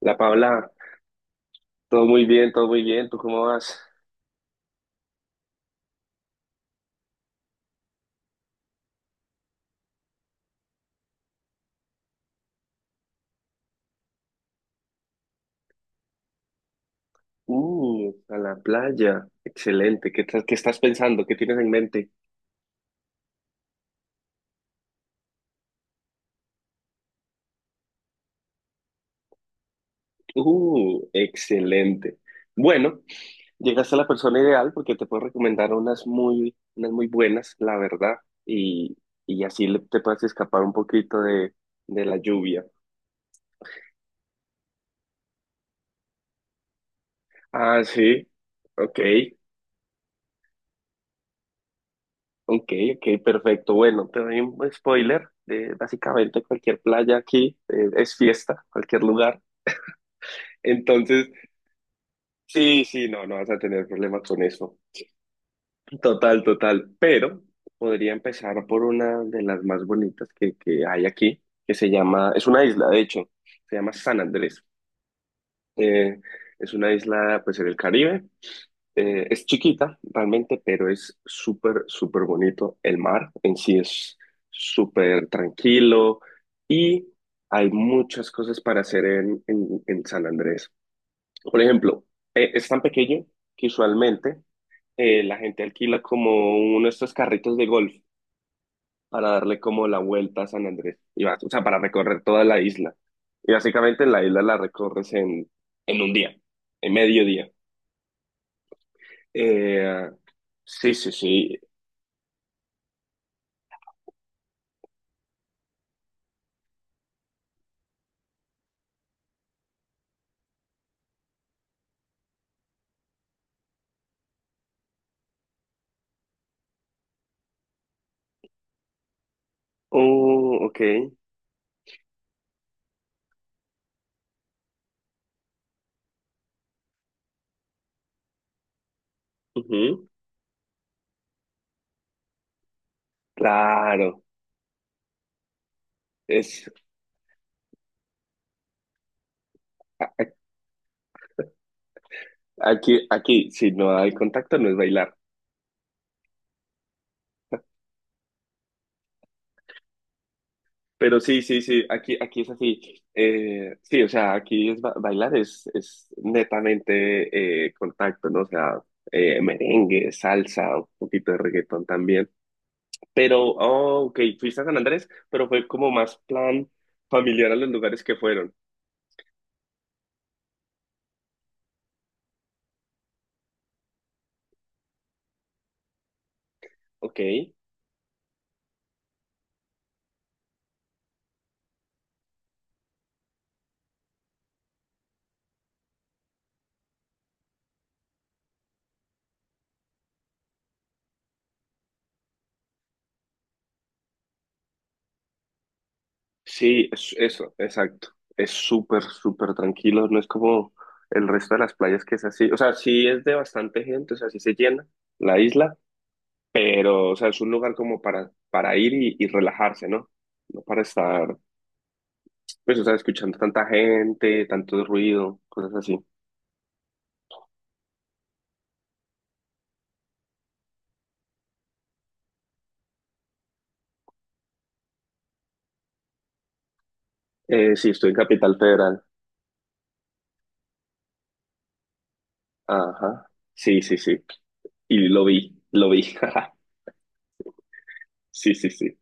La Paula, todo muy bien, todo muy bien. ¿Tú cómo vas? A la playa. Excelente. ¿Qué, tal- qué estás pensando? ¿Qué tienes en mente? Excelente. Bueno, llegaste a la persona ideal porque te puedo recomendar unas muy buenas, la verdad, y, y así le- te puedes escapar un poquito de la lluvia. Ah, sí. Ok, ok, perfecto. Bueno, te doy un spoiler de básicamente cualquier playa aquí, es fiesta, cualquier lugar. Entonces, sí, sí, no, no vas a tener problemas con eso. Total, total. Pero podría empezar por una de las más bonitas que hay aquí, que se llama, es una isla, de hecho, se llama San Andrés. Eh, es una isla, pues, en el Caribe. Es chiquita, realmente, pero es súper bonito. El mar en sí es súper tranquilo y hay muchas cosas para hacer en San Andrés. Por ejemplo, es tan pequeño que usualmente la gente alquila como uno de estos carritos de golf para darle como la vuelta a San Andrés, y vas- o sea, para recorrer toda la isla. Y básicamente la isla la recorres en un día, en medio día. Eh, sí, sí, sí. Oh, ok. Ujú. Claro. Es, aquí, aquí, si no hay contacto, no es bailar. Pero sí, sí, sí, aquí, aquí es así. Sí, o sea, aquí es ba- bailar es netamente contacto, ¿no? O sea, merengue, salsa, un poquito de reggaetón también. Pero, oh, ok, fuiste a San Andrés, pero fue como más plan familiar a los lugares que fueron. Ok, sí, es- eso, exacto. Es súper tranquilo, no es como el resto de las playas que es así. O sea, sí es de bastante gente, o sea, sí se llena la isla. Pero, o sea, es un lugar como para ir y relajarse, ¿no? No para estar, pues, o sea, escuchando tanta gente, tanto ruido, cosas así. Sí, estoy en Capital Federal. Ajá. Sí, sí, sí. Y lo vi, lo vi. Sí, sí, sí.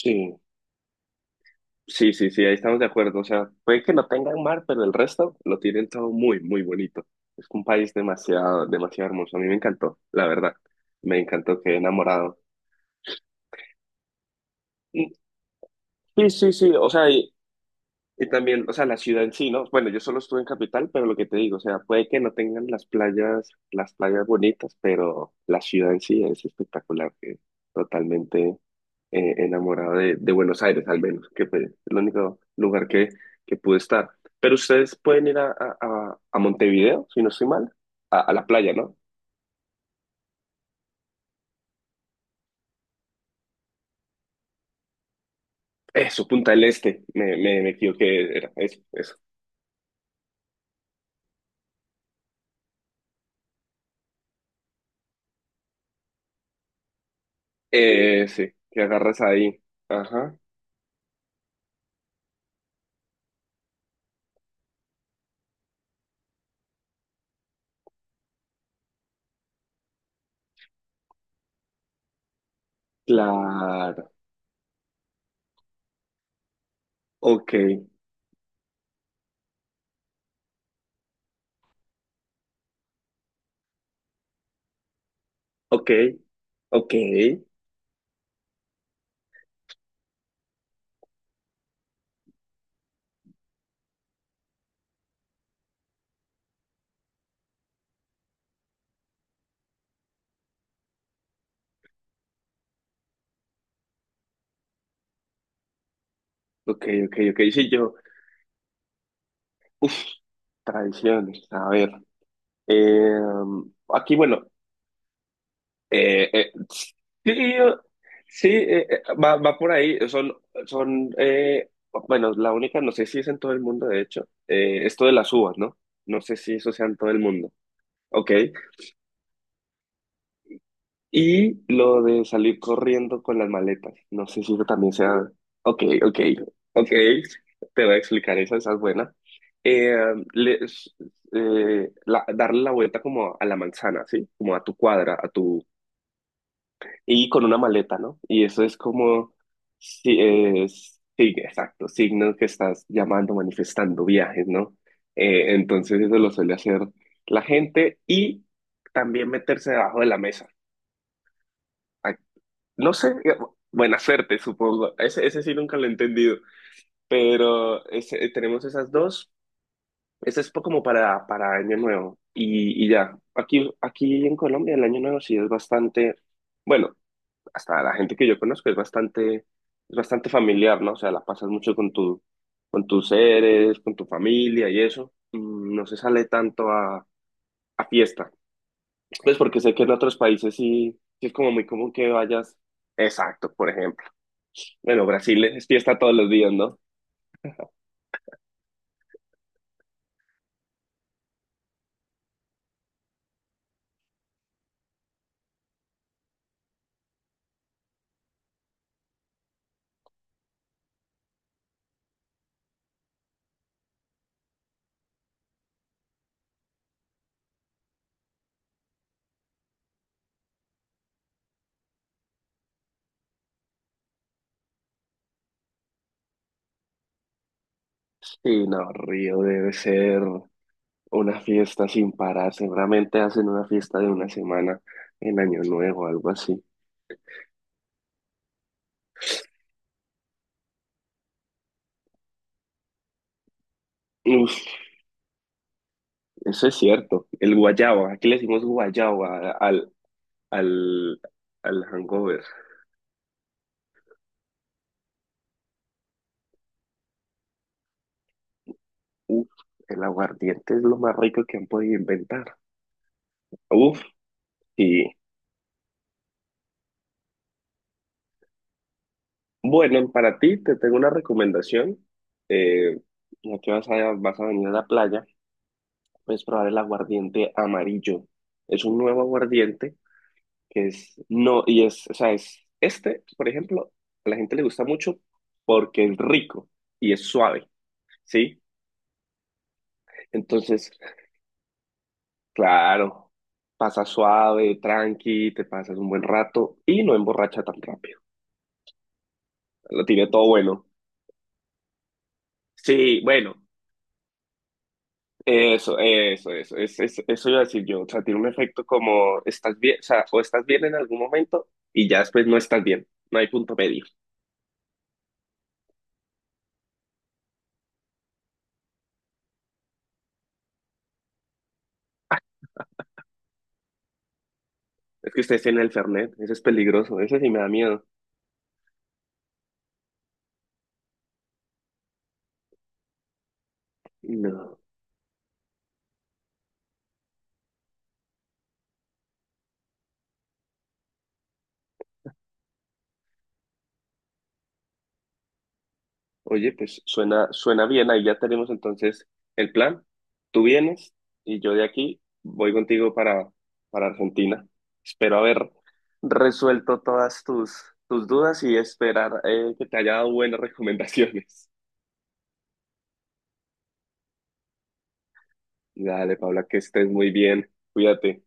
Sí, sí, sí, sí, ahí estamos de acuerdo. O sea, puede que no tengan mar, pero el resto lo tienen todo muy, muy bonito. Es un país demasiado, demasiado hermoso. A mí me encantó, la verdad. Me encantó, quedé enamorado. Mm. Sí, sí, sí. O sea, y también, o sea, la ciudad en sí, ¿no? Bueno, yo solo estuve en Capital, pero lo que te digo, o sea, puede que no tengan las playas bonitas, pero la ciudad en sí es espectacular, que totalmente enamorado de Buenos Aires, al menos, que fue el único lugar que pude estar. Pero ustedes pueden ir a Montevideo, si no estoy mal, a la playa, ¿no? Eso, Punta del Este, me equivoqué, era eso, eso. Sí, que agarras ahí. Ajá, claro. Ok, Ok, ok, ok. Sí, yo, uff, tradiciones, a ver. eh, Aquí, bueno, eh, eh, sí, yo- sí, va, va por ahí. Son, son, bueno, la única, no sé si es en todo el mundo, de hecho, esto de las uvas, ¿no? No sé si eso sea en todo el mundo. Ok. Y lo de salir corriendo con las maletas. No sé si eso también sea... Ok, ok. te voy a explicar eso, esa es buena. Eh, les- la- darle la vuelta como a la manzana, ¿sí? Como a tu cuadra, a tu... Y con una maleta, ¿no? Y eso es como... Sí, es, sí, exacto. Signos que estás llamando, manifestando viajes, ¿no? Entonces eso lo suele hacer la gente y también meterse debajo de la mesa. No sé, buena suerte, supongo. Ese sí nunca lo he entendido, pero ese- tenemos esas dos. Ese es po- como para Año Nuevo y ya. Aquí en Colombia el Año Nuevo sí es bastante, bueno, hasta la gente que yo conozco es bastante familiar, ¿no? O sea, la pasas mucho con tus seres, con tu familia y eso. No se sale tanto a fiesta. Pues porque sé que en otros países sí, sí es como muy común que vayas. Exacto, por ejemplo. Bueno, Brasil es fiesta todos los días, ¿no? Sí, no, Río debe ser una fiesta sin parar. Seguramente hacen una fiesta de una semana en Año Nuevo, algo así. Uf, eso es cierto. El guayaba, aquí le decimos guayaba al, al hangover. Uf, el aguardiente es lo más rico que han podido inventar. Uf, y bueno, para ti te tengo una recomendación. Eh, ya que vas a venir a la playa, puedes probar el aguardiente amarillo. Es un nuevo aguardiente que es, no, y es, o sea, es, este, por ejemplo, a la gente le gusta mucho porque es rico y es suave, ¿sí? Entonces, claro, pasa suave, tranqui, te pasas un buen rato y no emborracha tan rápido. Lo tiene todo bueno. Sí, bueno, eso, es- eso iba a decir yo. O sea, tiene un efecto como estás bien, o sea, o estás bien en algún momento y ya después no estás bien. No hay punto medio. Es que ustedes tienen el Fernet, eso es peligroso, eso sí me da miedo. No. Oye, pues suena bien, ahí ya tenemos entonces el plan. Tú vienes y yo de aquí voy contigo para Argentina. Espero haber resuelto todas tus dudas y esperar que te haya dado buenas recomendaciones. Dale, Paula, que estés muy bien. Cuídate.